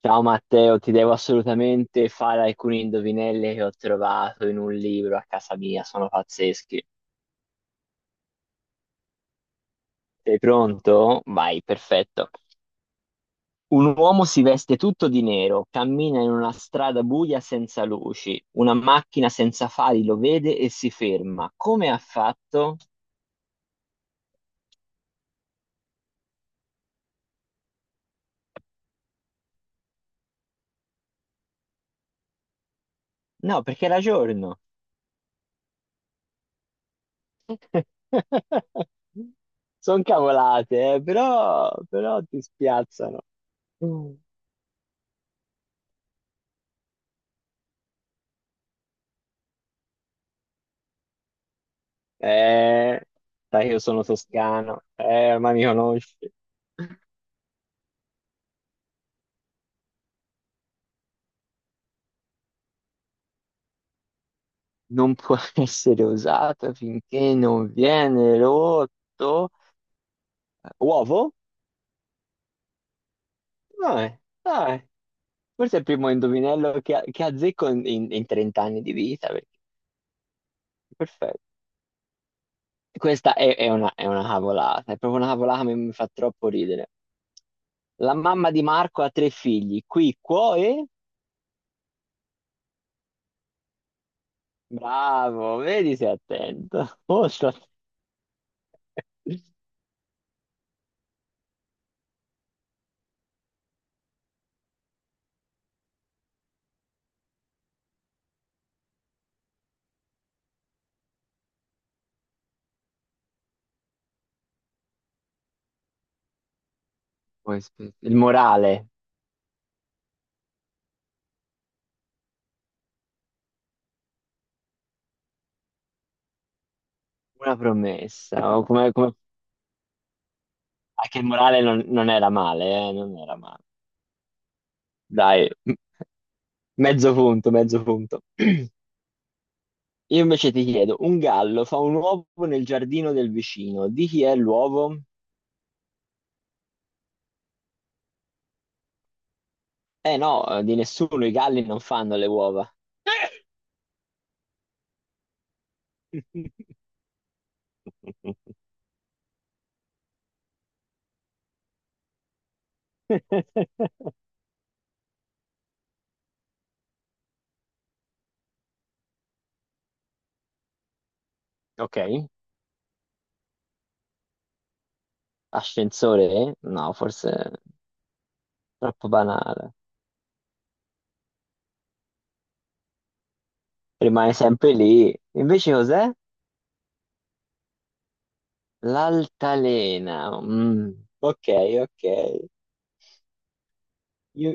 Ciao Matteo, ti devo assolutamente fare alcune indovinelle che ho trovato in un libro a casa mia, sono pazzeschi. Sei pronto? Vai, perfetto. Un uomo si veste tutto di nero, cammina in una strada buia senza luci, una macchina senza fari lo vede e si ferma. Come ha fatto? No, perché era giorno. Sono cavolate, però, però ti spiazzano. Eh, sai che io sono toscano, ma mi conosci. Non può essere usato finché non viene rotto. Uovo? Dai, dai. Forse è il primo indovinello che azzecco in 30 anni di vita, perché perfetto. Questa è, è una cavolata, è proprio una cavolata che mi fa troppo ridere. La mamma di Marco ha tre figli, qui, qua e... Bravo, vedi sei attento. Molto attento. Poi, aspetta, il morale. Una promessa, o come... Anche il morale non era male, eh? Non era male. Dai, mezzo punto, mezzo punto. Io invece ti chiedo, un gallo fa un uovo nel giardino del vicino, di chi è l'uovo? Eh no, di nessuno, i galli non fanno le uova. Ok, ascensore? No, forse è troppo banale. Rimane sempre lì. Invece cos'è? L'altalena. Mm, ok, ok. Io,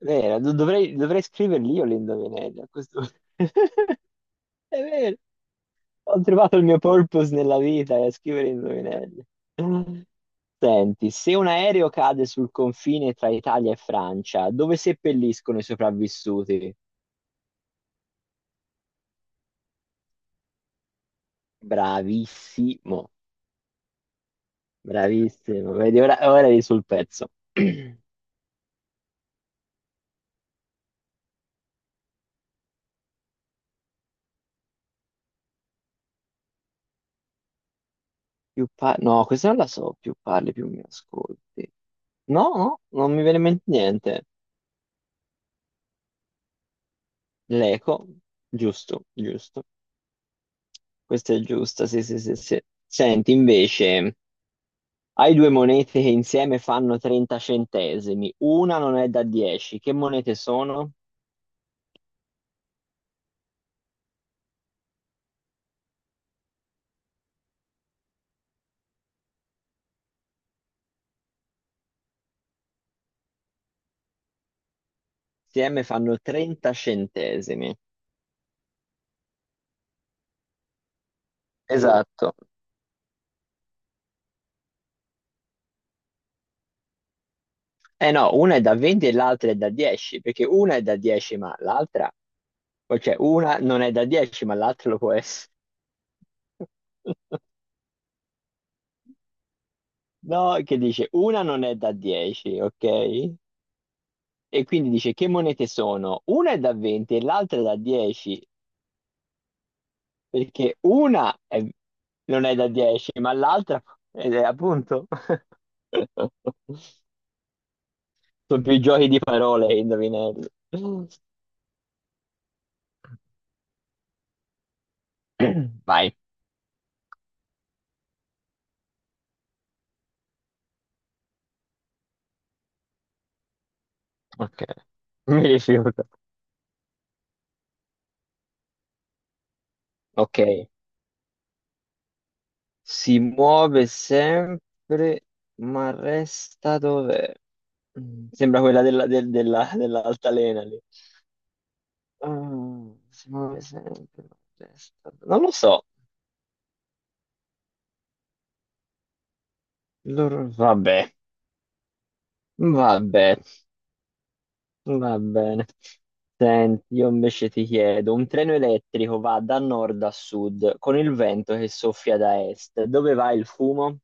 Vero, dovrei scriverli io le indovinelli a questo punto. È vero, ho trovato il mio purpose nella vita, è scrivere indovinelli. Senti, se un aereo cade sul confine tra Italia e Francia, dove seppelliscono i sopravvissuti? Bravissimo, bravissimo. Vedi, ora eri sul pezzo. Più no, questa non la so, più parli, più mi ascolti. No, no, non mi viene in mente niente. L'eco, giusto, giusto. Questo è giusto, sì, sì, sì, sì. Senti, invece, hai due monete che insieme fanno 30 centesimi. Una non è da 10. Che monete sono? Insieme fanno 30 centesimi. Esatto. Eh no, una è da 20 e l'altra è da 10, perché una è da 10, ma cioè una non è da 10, ma l'altra lo può essere. No, che dice una non è da 10, ok? E quindi dice che monete sono? Una è da 20 e l'altra è da 10. Perché non è da 10, ma l'altra ed è appunto. Sono più giochi di parole che indovinelli. Vai, ok. Mi rifiuto. Ok, si muove sempre, ma resta dov'è? Mm, sembra quella dell'altalena lì. Ah, si muove sempre, ma resta... Non lo so. Vabbè, vabbè. Va bene. Senti, io invece ti chiedo, un treno elettrico va da nord a sud con il vento che soffia da est. Dove va il fumo?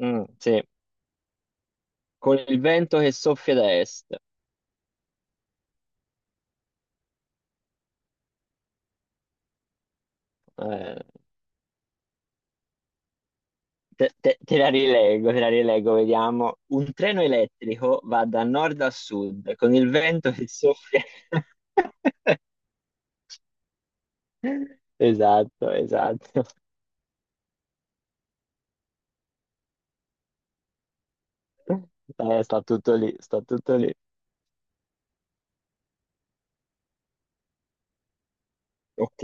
Mm, sì, con il vento che soffia da est. Eh, te la rileggo, te la rileggo, vediamo. Un treno elettrico va da nord a sud con il vento che soffia... Esatto, esatto. Sta tutto lì, sta tutto lì. Ok,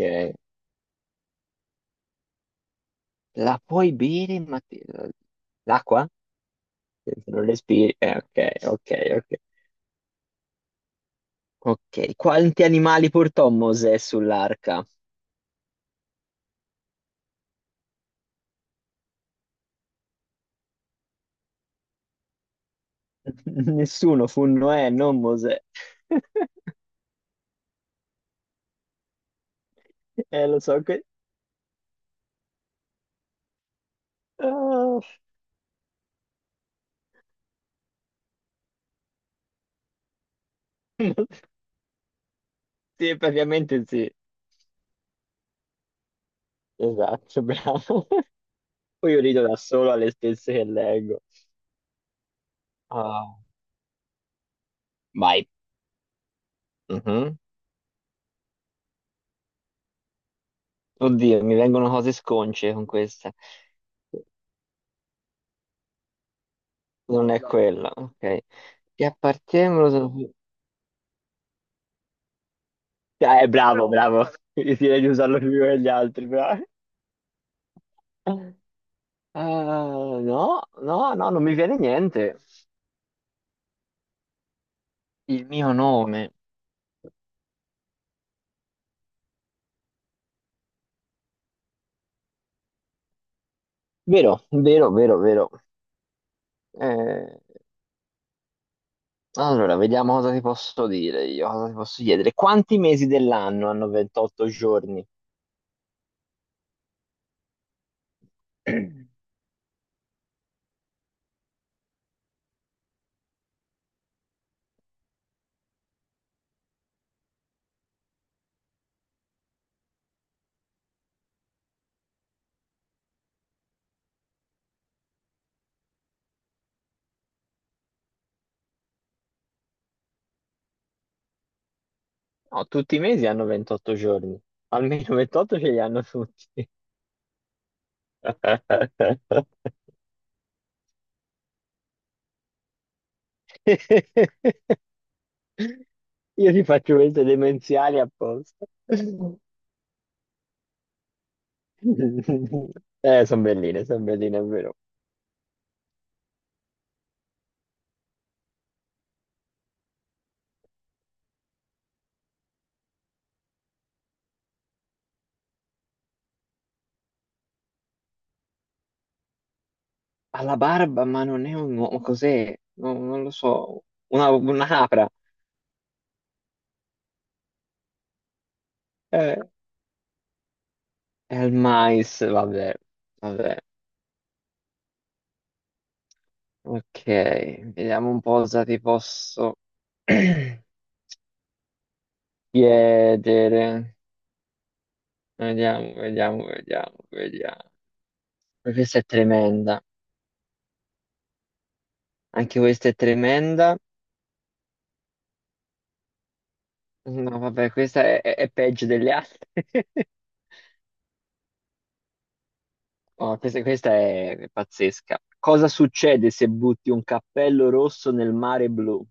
la puoi bere, ma l'acqua? Se non respiri. Ok, ok, ok. Ok, quanti animali portò Mosè sull'arca? Nessuno, fu Noè, non Mosè. Lo so che... Ah, sì, praticamente sì. Esatto, bravo. Poi io rido da solo alle stesse che leggo. Ah, vai. Mhm. Oddio, mi vengono cose sconce con questa. Non è quella, ok. Ti appartengono... Cioè, eh, bravo, però, bravo. Io direi di usarlo più degli altri, bravo. Ah, no, no, no, non mi viene niente. Il mio nome. Vero, vero, vero, vero. Eh, allora, vediamo cosa ti posso dire io, cosa ti posso chiedere. Quanti mesi dell'anno hanno 28 giorni? No, tutti i mesi hanno 28 giorni. Almeno 28 ce li hanno tutti. Io ti faccio queste demenziali apposta. Sono belline, è vero. Ha la barba, ma non è un uomo, cos'è? No, non lo so. Una capra. Eh, è il mais, vabbè, vabbè. Ok, vediamo un po' cosa ti posso chiedere. Vediamo, vediamo, vediamo, vediamo. Questa è tremenda. Anche questa è tremenda. No, vabbè, questa è peggio delle altre. Oh, questa è pazzesca. Cosa succede se butti un cappello rosso nel mare blu?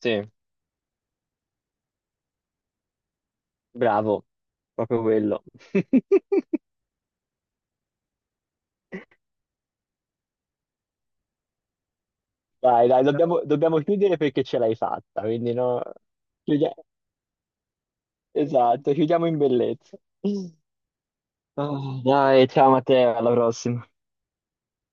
Sì, bravo, proprio quello. Dai, dai, dobbiamo chiudere perché ce l'hai fatta, quindi no. Chiudia- Esatto, chiudiamo in bellezza. Ah, dai, ciao Matteo, alla prossima.